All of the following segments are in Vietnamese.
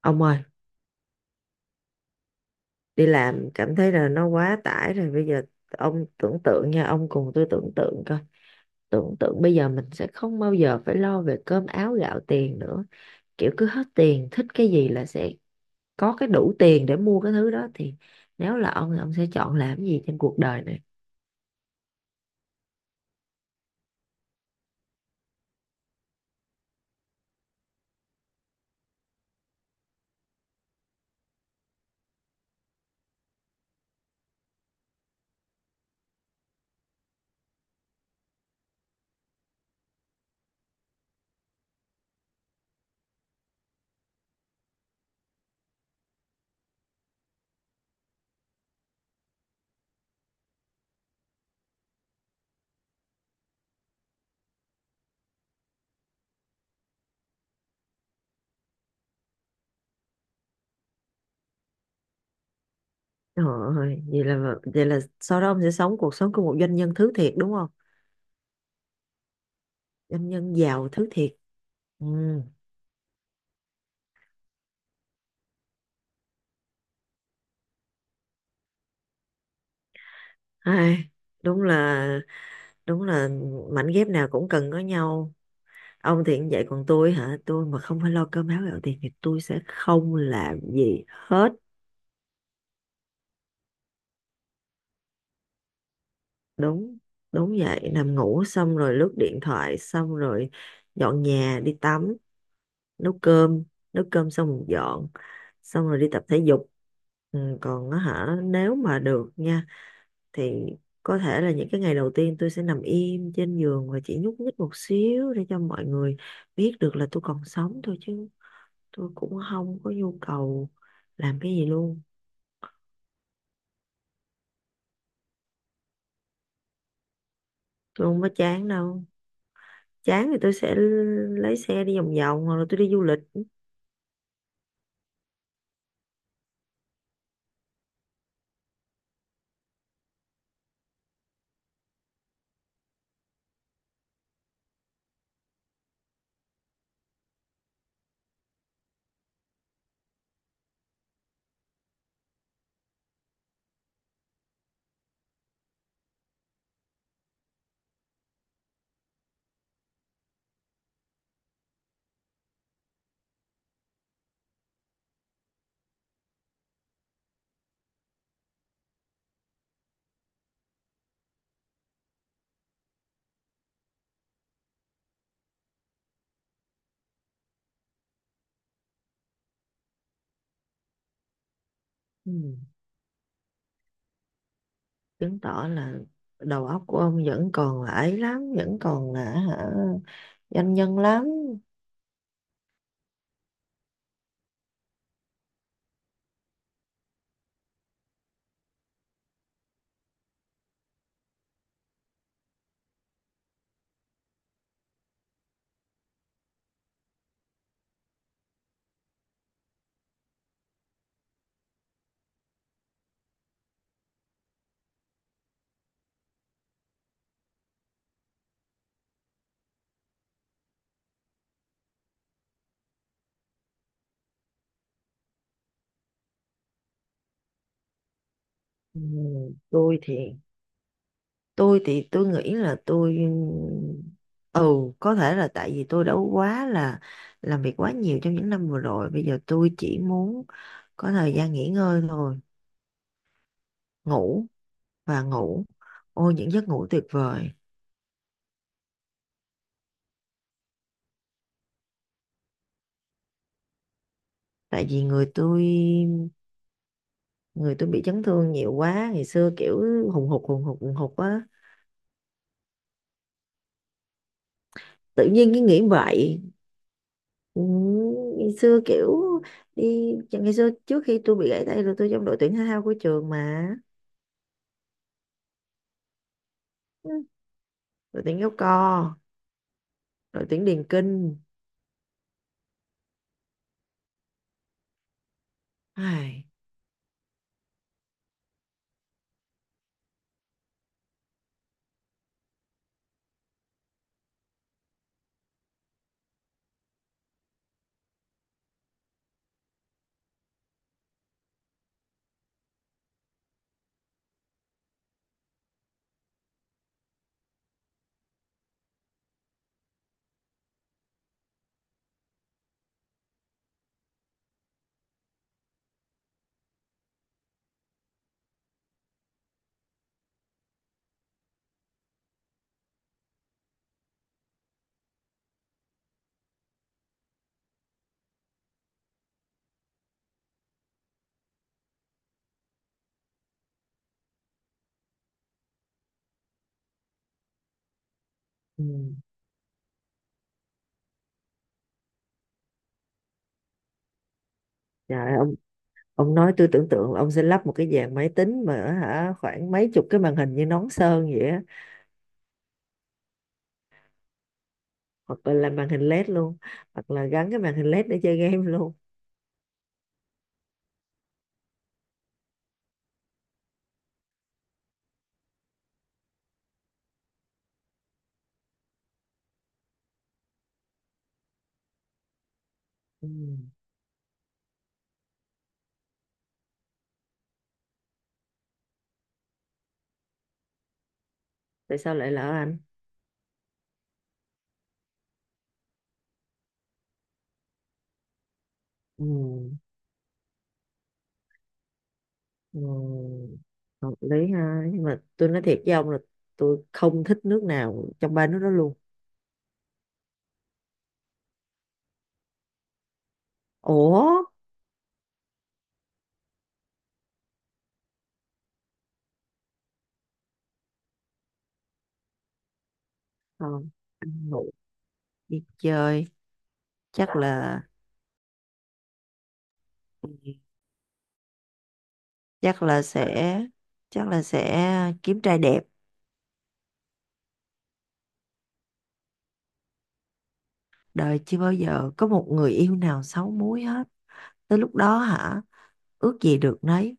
Ông ơi, đi làm cảm thấy là nó quá tải rồi. Bây giờ ông tưởng tượng nha, ông cùng tôi tưởng tượng coi. Tưởng tượng bây giờ mình sẽ không bao giờ phải lo về cơm áo gạo tiền nữa. Kiểu cứ hết tiền, thích cái gì là sẽ có cái đủ tiền để mua cái thứ đó. Thì nếu là ông sẽ chọn làm cái gì trên cuộc đời này? Rồi ơi, vậy là sau đó ông sẽ sống cuộc sống của một doanh nhân thứ thiệt đúng không? Doanh nhân giàu thứ thiệt. Ừ. Ai, đúng là đúng là mảnh ghép nào cũng cần có nhau. Ông thì cũng vậy, còn tôi hả, tôi mà không phải lo cơm áo gạo tiền thì tôi sẽ không làm gì hết. Đúng đúng vậy, nằm ngủ xong rồi lướt điện thoại, xong rồi dọn nhà, đi tắm, nấu cơm. Nấu cơm xong rồi dọn, xong rồi đi tập thể dục. Ừ, còn á hả, nếu mà được nha thì có thể là những cái ngày đầu tiên tôi sẽ nằm im trên giường và chỉ nhúc nhích một xíu để cho mọi người biết được là tôi còn sống thôi, chứ tôi cũng không có nhu cầu làm cái gì luôn. Tôi không có chán đâu, chán thì tôi sẽ lấy xe đi vòng vòng hoặc là tôi đi du lịch. Ừ. Chứng tỏ là đầu óc của ông vẫn còn là ấy lắm, vẫn còn là hả, doanh nhân lắm. Ừ. tôi thì tôi thì tôi nghĩ là tôi, ừ có thể là tại vì tôi đã quá là làm việc quá nhiều trong những năm vừa rồi, bây giờ tôi chỉ muốn có thời gian nghỉ ngơi thôi. Ngủ và ngủ, ôi những giấc ngủ tuyệt vời. Tại vì người tôi, người tôi bị chấn thương nhiều quá, ngày xưa kiểu hùng hục hùng hục hùng hục á. Tự nhiên cái nghĩ vậy. Ừ, ngày xưa kiểu đi, ngày xưa trước khi tôi bị gãy tay là tôi trong đội tuyển thể thao của trường mà. Ừ, đội tuyển kéo co, đội tuyển điền kinh. Ai, ừ. Trời ơi, ông nói tôi tưởng tượng là ông sẽ lắp một cái dàn máy tính mà hả, khoảng mấy chục cái màn hình như nón sơn vậy á, hoặc là làm màn hình LED luôn, hoặc là gắn cái màn hình LED để chơi game luôn. Ừ. Tại sao lại lỡ Anh? Ừ. Ừ, hợp lý ha, nhưng mà tôi nói thiệt với ông là tôi không thích nước nào trong ba nước đó luôn. Ủa, không? Ăn ngủ đi chơi, chắc là, chắc là sẽ, chắc là sẽ kiếm trai đẹp. Đời chưa bao giờ có một người yêu nào xấu múi hết. Tới lúc đó hả, ước gì được nấy,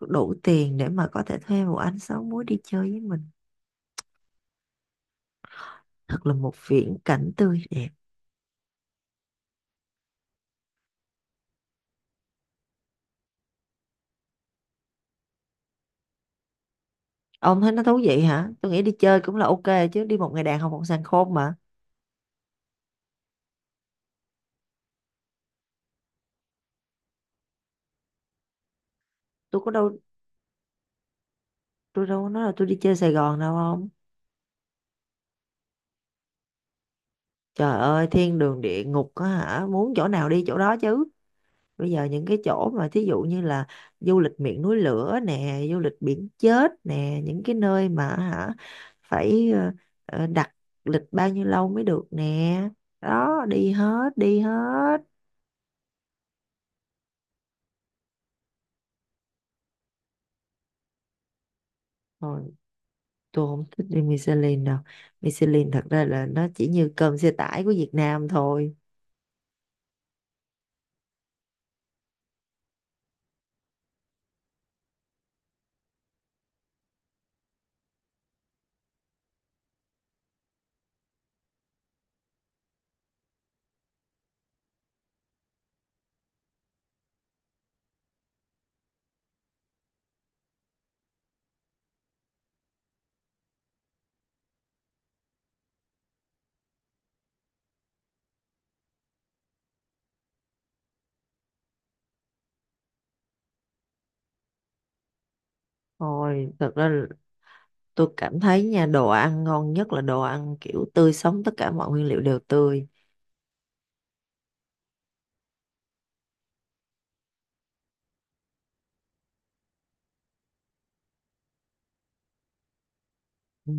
đủ tiền để mà có thể thuê một anh xấu múi đi chơi với mình. Thật là một viễn cảnh tươi đẹp. Ông thấy nó thú vị hả? Tôi nghĩ đi chơi cũng là ok, chứ đi một ngày đàn học một sàn khôn mà. Tôi có đâu, tôi đâu có nói là tôi đi chơi Sài Gòn đâu không? Trời ơi, thiên đường địa ngục á hả? Muốn chỗ nào đi chỗ đó chứ. Bây giờ những cái chỗ mà thí dụ như là du lịch miệng núi lửa nè, du lịch biển chết nè, những cái nơi mà hả, phải đặt lịch bao nhiêu lâu mới được nè. Đó, đi hết, đi hết. Rồi, tôi không thích đi Michelin đâu, Michelin thật ra là nó chỉ như cơm xe tải của Việt Nam thôi. Thôi, thật ra là tôi cảm thấy nha, đồ ăn ngon nhất là đồ ăn kiểu tươi sống, tất cả mọi nguyên liệu đều tươi. Ừ.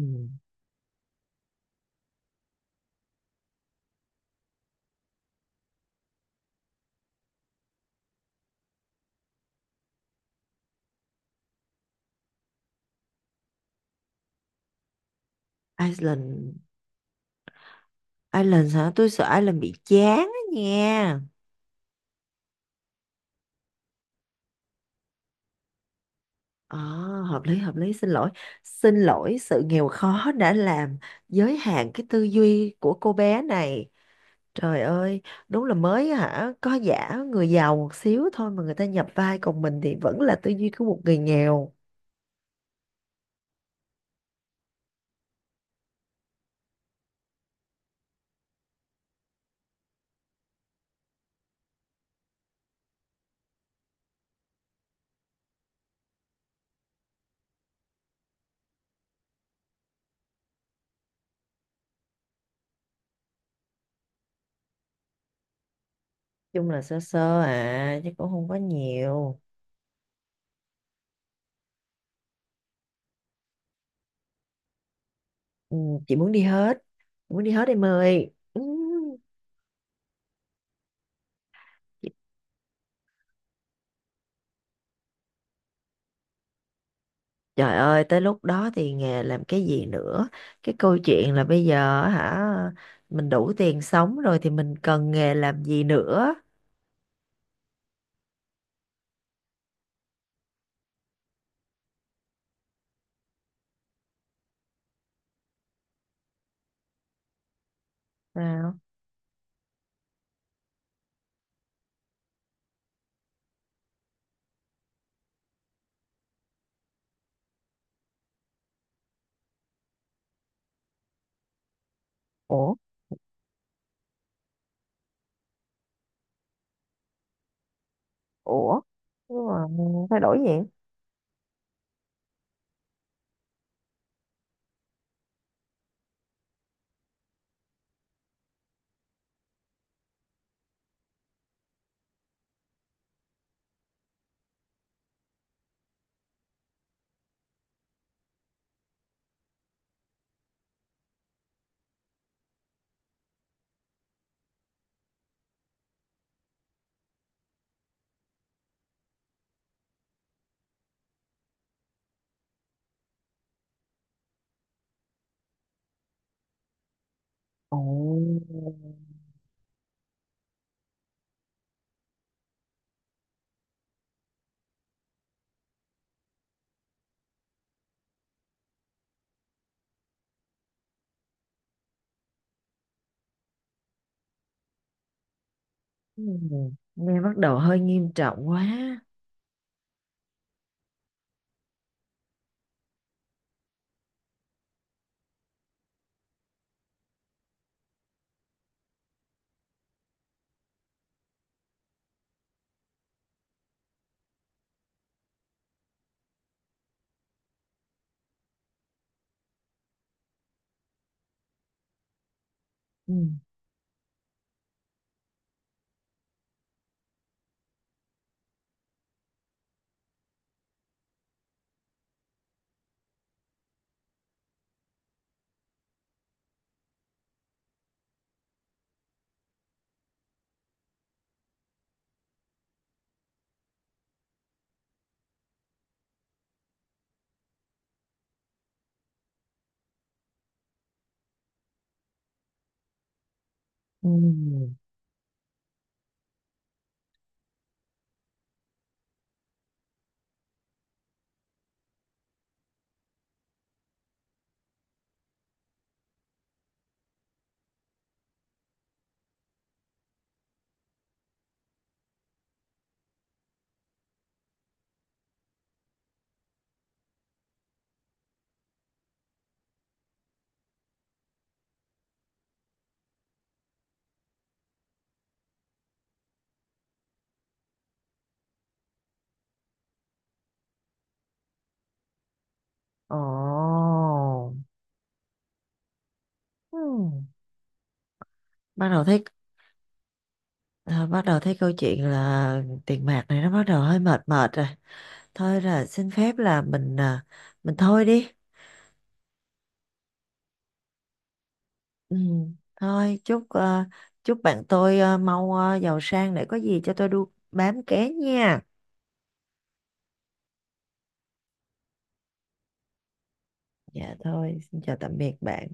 Iceland Iceland hả, tôi sợ Iceland bị chán á nha. À, hợp lý hợp lý, xin lỗi, xin lỗi sự nghèo khó đã làm giới hạn cái tư duy của cô bé này. Trời ơi, đúng là mới hả, có giả người giàu một xíu thôi mà người ta nhập vai còn mình thì vẫn là tư duy của một người nghèo. Chung là sơ sơ à, chứ cũng không có nhiều. Ừ, chị muốn đi hết, muốn đi hết em ơi. Ừ. Trời ơi, tới lúc đó thì nghề làm cái gì nữa? Cái câu chuyện là bây giờ hả, mình đủ tiền sống rồi thì mình cần nghề làm gì nữa? Sao? Ủa. Ủa, nhưng mà thay đổi gì? Ồ. ừm, nghe bắt đầu hơi nghiêm trọng quá. Ừm, ừm. Ồ. ừm, bắt đầu thấy bắt đầu thấy câu chuyện là tiền bạc này nó bắt đầu hơi mệt mệt rồi. Thôi là xin phép là mình thôi đi. Ừ. Thôi chúc bạn tôi mau giàu sang để có gì cho tôi đu bám ké nha. Dạ thôi, xin chào tạm biệt bạn.